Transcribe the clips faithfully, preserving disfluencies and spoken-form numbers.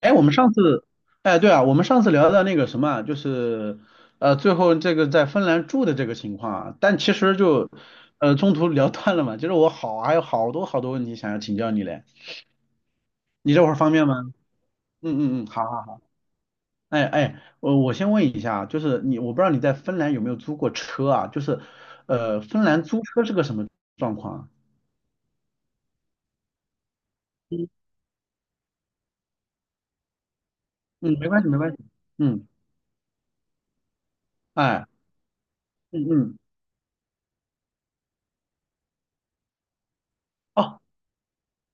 哎，我们上次，哎，对啊，我们上次聊到那个什么啊，就是，呃，最后这个在芬兰住的这个情况啊，但其实就，呃，中途聊断了嘛，就是我好，还有好多好多问题想要请教你嘞，你这会儿方便吗？嗯嗯嗯，好好好，哎哎，我我先问一下啊，就是你，我不知道你在芬兰有没有租过车啊，就是，呃，芬兰租车是个什么状况啊？嗯嗯，没关系没关系，嗯，哎，嗯嗯。哦。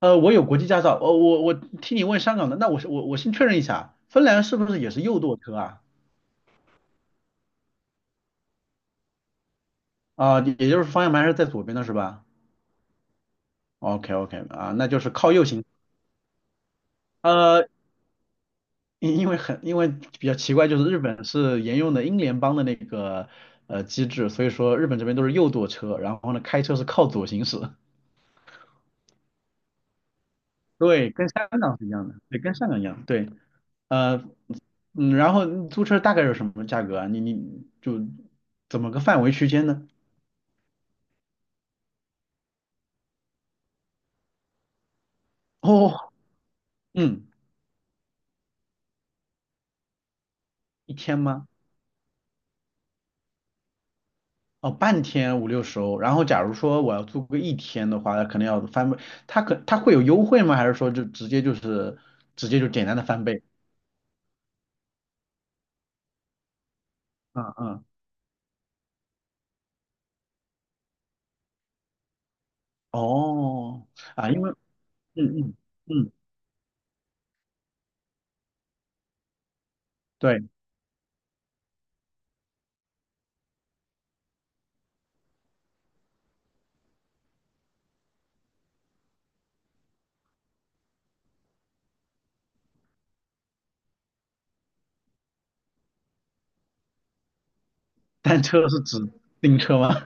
呃，我有国际驾照，呃，我我替你问香港的。那我是我我先确认一下，芬兰是不是也是右舵车啊？啊、也就是方向盘是在左边的是吧？OK OK 啊，那就是靠右行。呃，因因为很因为比较奇怪，就是日本是沿用的英联邦的那个呃机制，所以说日本这边都是右舵车，然后呢开车是靠左行驶。对，跟香港是一样的，对，跟香港一样，对，呃，嗯，然后租车大概是什么价格啊？你你就怎么个范围区间呢？哦，嗯，一天吗？哦，半天五六十欧。然后假如说我要租个一天的话，那可能要翻倍。它可它会有优惠吗？还是说就直接就是直接就简单的翻倍？嗯嗯，哦，啊，因为嗯嗯嗯，对，单车是指自行车吗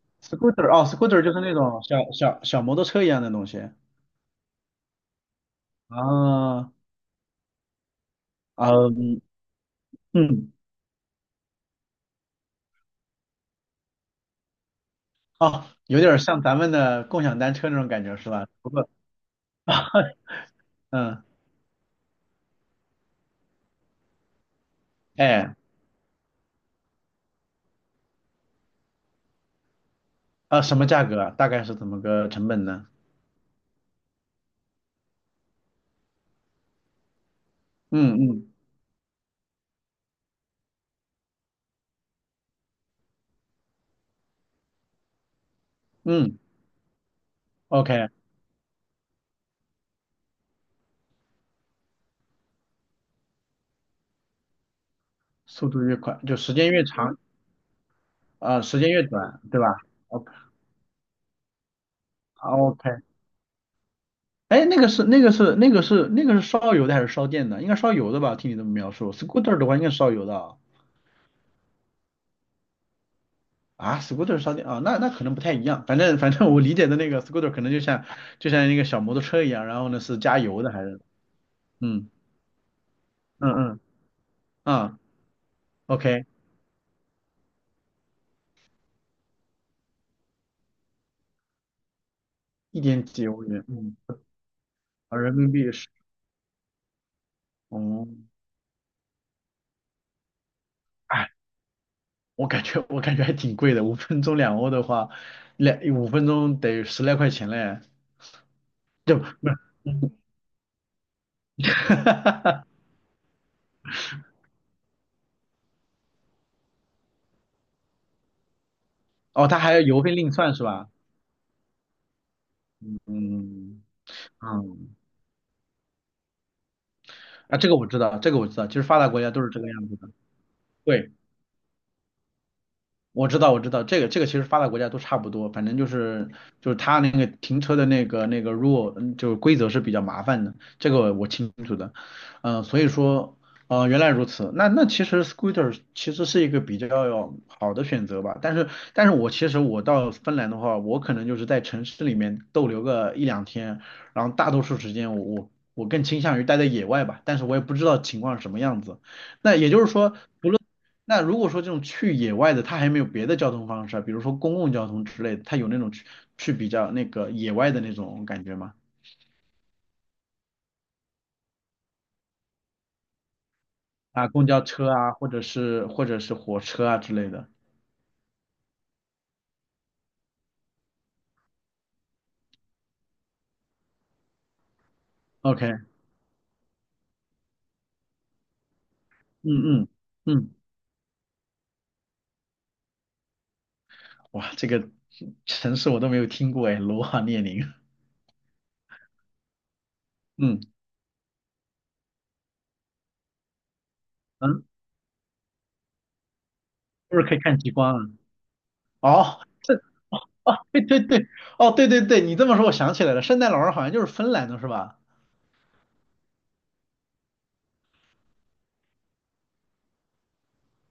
？Scooter 哦，scooter 就是那种小小小摩托车一样的东西啊，嗯嗯，哦，有点像咱们的共享单车那种感觉是吧？不过，嗯，哎。啊，什么价格啊？大概是怎么个成本呢？嗯嗯嗯，OK，速度越快，就时间越长，啊、时间越短，对吧？OK OK，哎，那个是那个是那个是那个是烧油的还是烧电的？应该烧油的吧？听你这么描述，scooter 的话应该是烧油的啊。啊，scooter 烧电啊，那那可能不太一样。反正反正我理解的那个 scooter 可能就像就像一个小摩托车一样，然后呢是加油的还是嗯嗯嗯啊，OK，一点几欧元，嗯，啊人民币是哦。哎，我感觉我感觉还挺贵的，五分钟两欧的话，两五分钟得十来块钱嘞，就不是 哦，他还要邮费另算是吧？嗯嗯，啊，这个我知道，这个我知道，其实发达国家都是这个样子的，对。我知道，我知道，这个这个其实发达国家都差不多，反正就是就是他那个停车的那个那个 rule，嗯就是规则是比较麻烦的，这个我清楚的，嗯、所以说，呃，原来如此，那那其实 scooter 其实是一个比较好的选择吧，但是但是我其实我到芬兰的话，我可能就是在城市里面逗留个一两天，然后大多数时间我我我更倾向于待在野外吧，但是我也不知道情况是什么样子。那也就是说，那如果说这种去野外的，它还没有别的交通方式啊，比如说公共交通之类的，它有那种去去比较那个野外的那种感觉吗？啊，公交车啊，或者是或者是火车啊之类的。OK，嗯嗯嗯，哇，这个城市我都没有听过哎，罗瓦涅宁。嗯嗯，是不是可以看极光啊？哦，这哦，对对对，哦对对对，你这么说我想起来了，圣诞老人好像就是芬兰的是吧？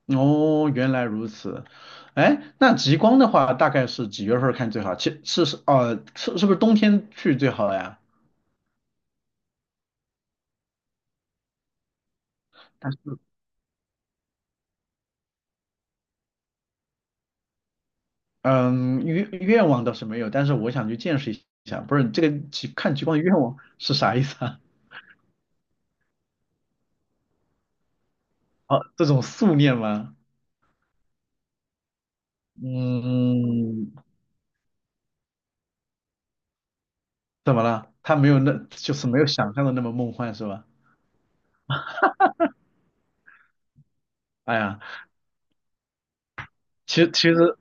哦，原来如此。哎，那极光的话，大概是几月份儿看最好？其是是哦，是是不是冬天去最好呀？但是，嗯，愿愿望倒是没有，但是我想去见识一下。不是这个极看极光的愿望是啥意思啊？哦，这种素念吗？嗯，怎么了？他没有那，就是没有想象的那么梦幻是吧？哎呀，其实其实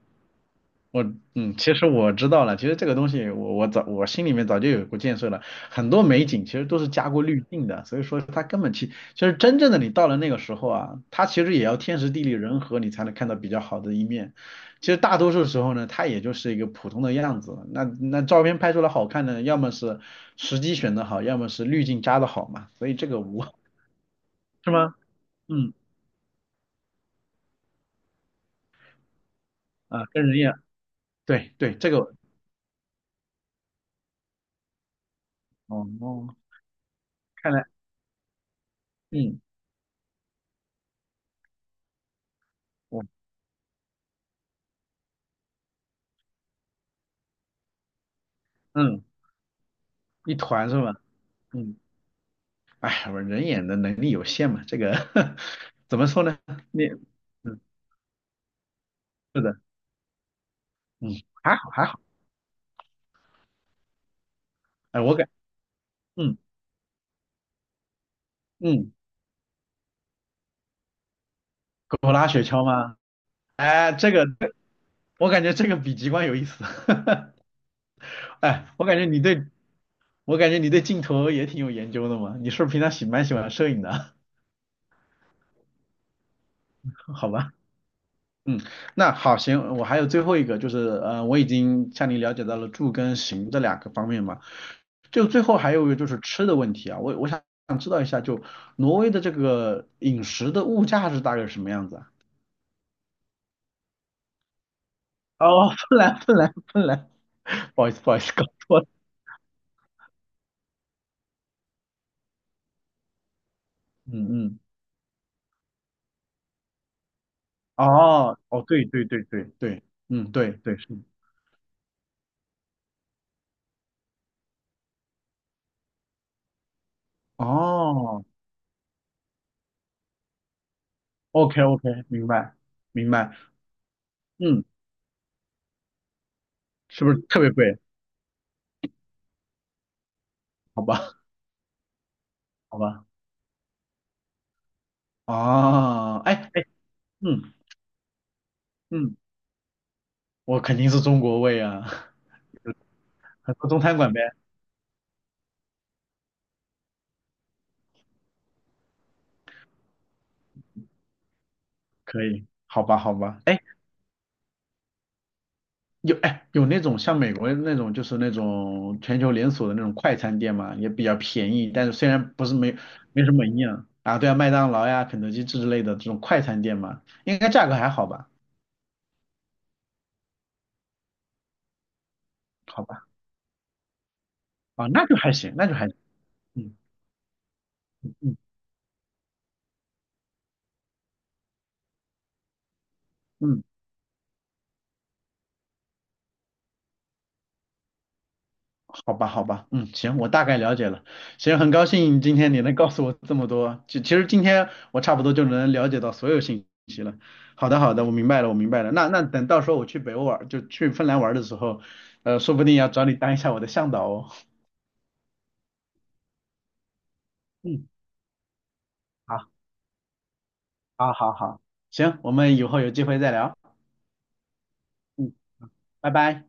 我嗯，其实我知道了，其实这个东西我我早我心里面早就有过建设了，很多美景其实都是加过滤镜的，所以说它根本其其实真正的你到了那个时候啊，它其实也要天时地利人和你才能看到比较好的一面，其实大多数时候呢，它也就是一个普通的样子，那那照片拍出来好看的，要么是时机选得好，要么是滤镜加的好嘛，所以这个无是吗？嗯啊，跟人一样，对对，这个哦哦，看来嗯我嗯一团是吧？嗯，哎，我人眼的能力有限嘛，这个 怎么说呢？你，嗯，是的，嗯，还好还好，哎，我感，嗯嗯，狗拉雪橇吗？哎，这个我感觉这个比极光有意思，哎，我感觉你对，我感觉你对镜头也挺有研究的嘛，你是不是平常喜蛮喜欢摄影的？好吧。嗯，那好，行，我还有最后一个，就是呃，我已经向你了解到了住跟行这两个方面嘛，就最后还有一个就是吃的问题啊，我我想想知道一下，就挪威的这个饮食的物价是大概是什么样子啊？哦，芬兰，芬兰，芬兰，不好意思，不好意思，搞错了。嗯嗯，哦哦，对对对对对，嗯对对是，哦，OK OK，明白明白，嗯，是不是特别贵？好吧好吧，哦，哎哎，嗯嗯。我肯定是中国胃啊，做中餐馆呗，可以，好吧，好吧，哎，有哎有那种像美国那种就是那种全球连锁的那种快餐店嘛，也比较便宜，但是虽然不是没没什么营养啊，对啊，麦当劳呀、肯德基之类的这种快餐店嘛，应该价格还好吧？好吧，啊，那就还行，那就还行，嗯嗯嗯。好吧，好吧，嗯，行，我大概了解了。行，很高兴今天你能告诉我这么多。其其实今天我差不多就能了解到所有信息了。好的，好的，我明白了，我明白了。那那等到时候我去北欧玩，就去芬兰玩的时候，呃，说不定要找你当一下我的向导哦。嗯，好，好，好，好，行，我们以后有机会再聊。嗯，拜拜。